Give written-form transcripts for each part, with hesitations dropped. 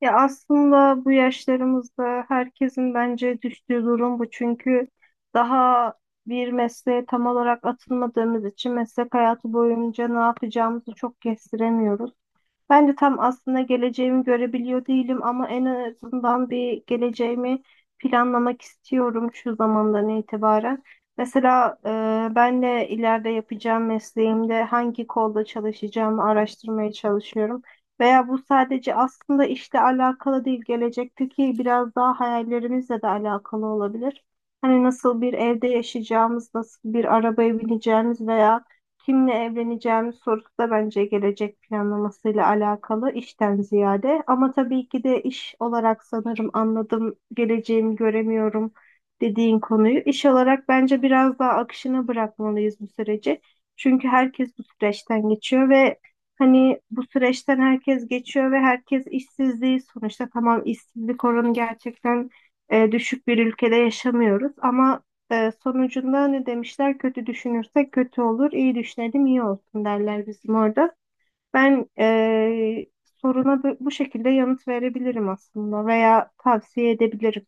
Ya aslında bu yaşlarımızda herkesin bence düştüğü durum bu. Çünkü daha bir mesleğe tam olarak atılmadığımız için meslek hayatı boyunca ne yapacağımızı çok kestiremiyoruz. Ben de tam aslında geleceğimi görebiliyor değilim ama en azından bir geleceğimi planlamak istiyorum şu zamandan itibaren. Mesela ben de ileride yapacağım mesleğimde hangi kolda çalışacağımı araştırmaya çalışıyorum. Veya bu sadece aslında işle alakalı değil, gelecekteki biraz daha hayallerimizle de alakalı olabilir. Hani nasıl bir evde yaşayacağımız, nasıl bir arabaya bineceğimiz veya kimle evleneceğim sorusu da bence gelecek planlamasıyla alakalı işten ziyade. Ama tabii ki de iş olarak sanırım anladım, geleceğimi göremiyorum dediğin konuyu. İş olarak bence biraz daha akışına bırakmalıyız bu süreci. Çünkü herkes bu süreçten geçiyor ve hani bu süreçten herkes geçiyor ve herkes işsizliği sonuçta tamam işsizlik oranı gerçekten düşük bir ülkede yaşamıyoruz ama sonucunda ne demişler? Kötü düşünürsek kötü olur, iyi düşünelim iyi olsun derler bizim orada. Ben soruna bu şekilde yanıt verebilirim aslında veya tavsiye edebilirim.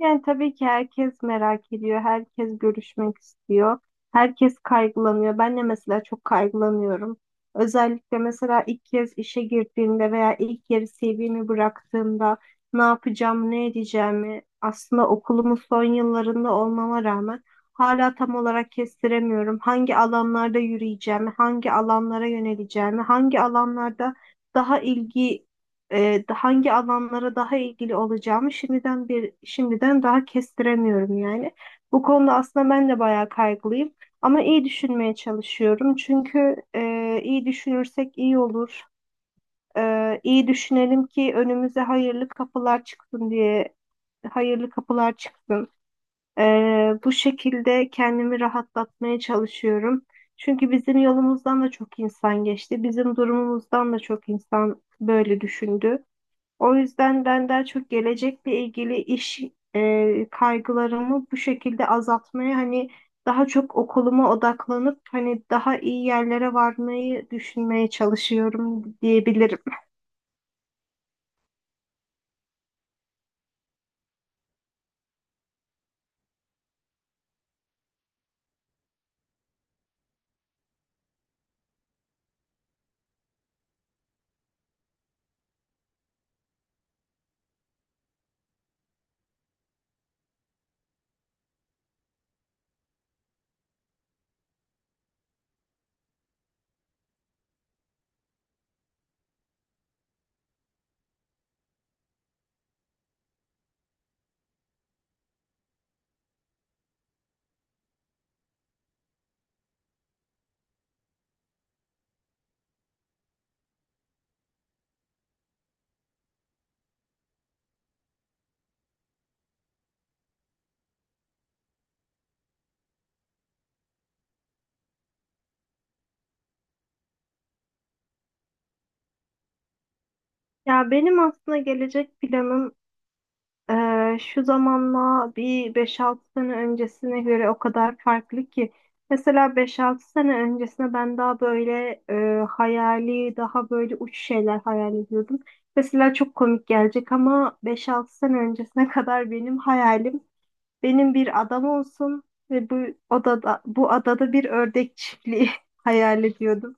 Yani tabii ki herkes merak ediyor, herkes görüşmek istiyor, herkes kaygılanıyor. Ben de mesela çok kaygılanıyorum. Özellikle mesela ilk kez işe girdiğimde veya ilk yeri CV'mi bıraktığımda ne yapacağım, ne edeceğimi aslında okulumun son yıllarında olmama rağmen hala tam olarak kestiremiyorum. Hangi alanlarda yürüyeceğimi, hangi alanlara yöneleceğimi, hangi alanlarda daha ilgi hangi alanlara daha ilgili olacağımı şimdiden bir şimdiden daha kestiremiyorum yani. Bu konuda aslında ben de bayağı kaygılıyım ama iyi düşünmeye çalışıyorum. Çünkü iyi düşünürsek iyi olur. İyi düşünelim ki önümüze hayırlı kapılar çıksın diye hayırlı kapılar çıksın. E, Bu şekilde kendimi rahatlatmaya çalışıyorum. Çünkü bizim yolumuzdan da çok insan geçti. Bizim durumumuzdan da çok insan böyle düşündü. O yüzden ben daha çok gelecekle ilgili iş kaygılarımı bu şekilde azaltmaya hani daha çok okuluma odaklanıp hani daha iyi yerlere varmayı düşünmeye çalışıyorum diyebilirim. Ya benim aslında gelecek planım şu zamanla bir beş altı sene öncesine göre o kadar farklı ki. Mesela beş altı sene öncesine ben daha böyle hayali, daha böyle uç şeyler hayal ediyordum. Mesela çok komik gelecek ama beş altı sene öncesine kadar benim hayalim benim bir adam olsun ve bu odada bu adada bir ördek çiftliği hayal ediyordum.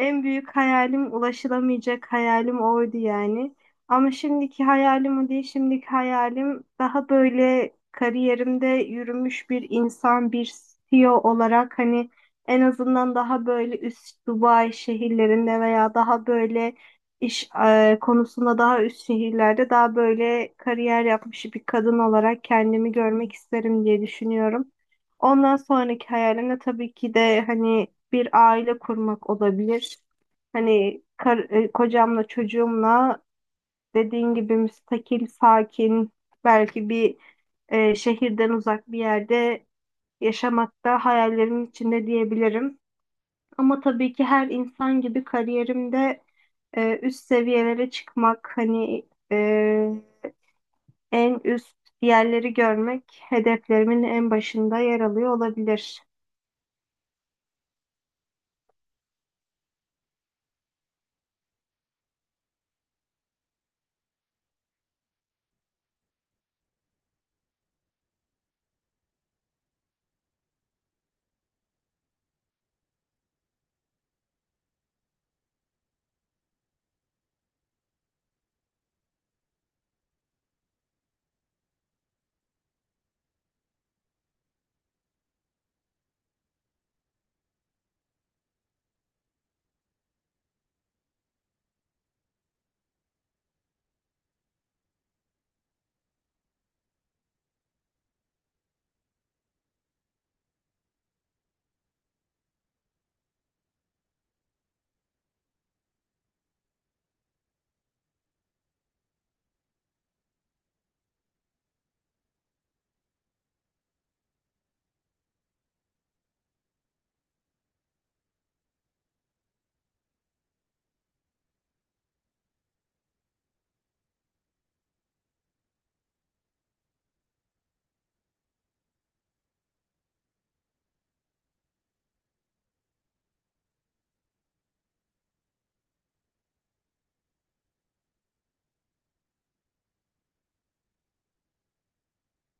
En büyük hayalim ulaşılamayacak hayalim oydu yani. Ama şimdiki hayalim o değil. Şimdiki hayalim daha böyle kariyerimde yürümüş bir insan, bir CEO olarak hani en azından daha böyle üst Dubai şehirlerinde veya daha böyle iş konusunda daha üst şehirlerde daha böyle kariyer yapmış bir kadın olarak kendimi görmek isterim diye düşünüyorum. Ondan sonraki hayalim de tabii ki de hani bir aile kurmak olabilir. Hani kocamla çocuğumla dediğin gibi müstakil, sakin, belki bir şehirden uzak bir yerde yaşamak da hayallerimin içinde diyebilirim. Ama tabii ki her insan gibi kariyerimde üst seviyelere çıkmak, hani e, en üst yerleri görmek hedeflerimin en başında yer alıyor olabilir.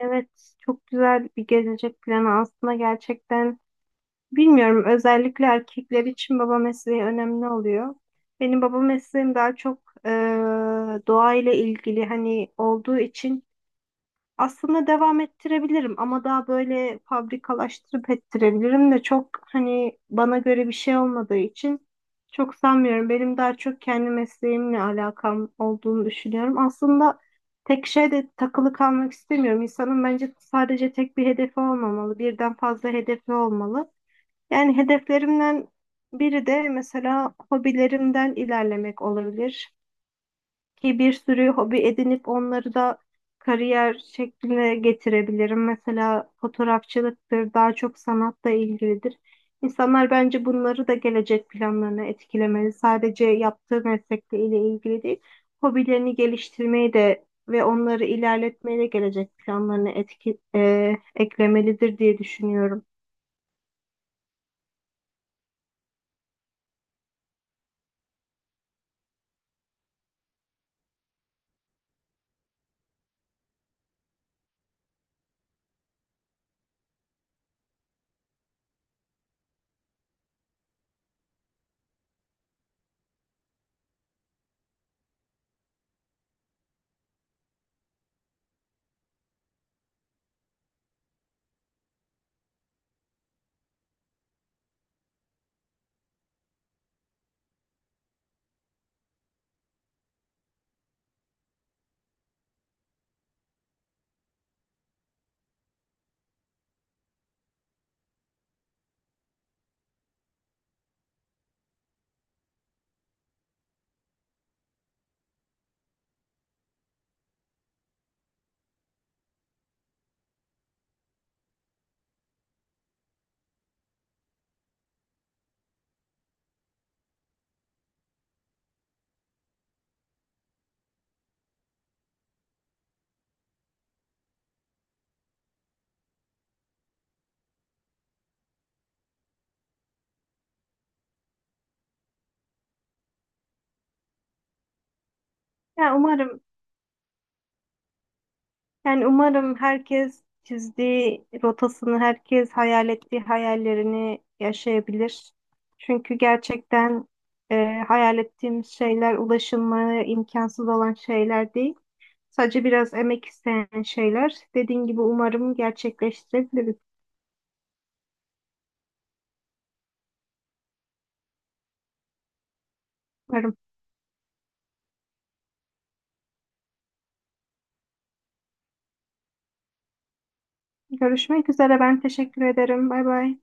Evet, çok güzel bir gelecek planı aslında gerçekten. Bilmiyorum, özellikle erkekler için baba mesleği önemli oluyor. Benim baba mesleğim daha çok doğa ile ilgili hani olduğu için aslında devam ettirebilirim ama daha böyle fabrikalaştırıp ettirebilirim de çok hani bana göre bir şey olmadığı için çok sanmıyorum. Benim daha çok kendi mesleğimle alakam olduğunu düşünüyorum. Aslında tek şeyde takılı kalmak istemiyorum. İnsanın bence sadece tek bir hedefi olmamalı, birden fazla hedefi olmalı. Yani hedeflerimden biri de mesela hobilerimden ilerlemek olabilir. Ki bir sürü hobi edinip onları da kariyer şekline getirebilirim. Mesela fotoğrafçılıktır, daha çok sanatla ilgilidir. İnsanlar bence bunları da gelecek planlarına etkilemeli. Sadece yaptığı meslekle ile ilgili değil, hobilerini geliştirmeyi de ve onları ilerletmeyi de gelecek planlarına eklemelidir diye düşünüyorum. Ya umarım. Yani umarım herkes çizdiği rotasını, herkes hayal ettiği hayallerini yaşayabilir. Çünkü gerçekten e, hayal ettiğimiz şeyler ulaşılmaya imkansız olan şeyler değil. Sadece biraz emek isteyen şeyler. Dediğin gibi umarım gerçekleştirebiliriz. Umarım. Görüşmek üzere. Ben teşekkür ederim. Bay bay.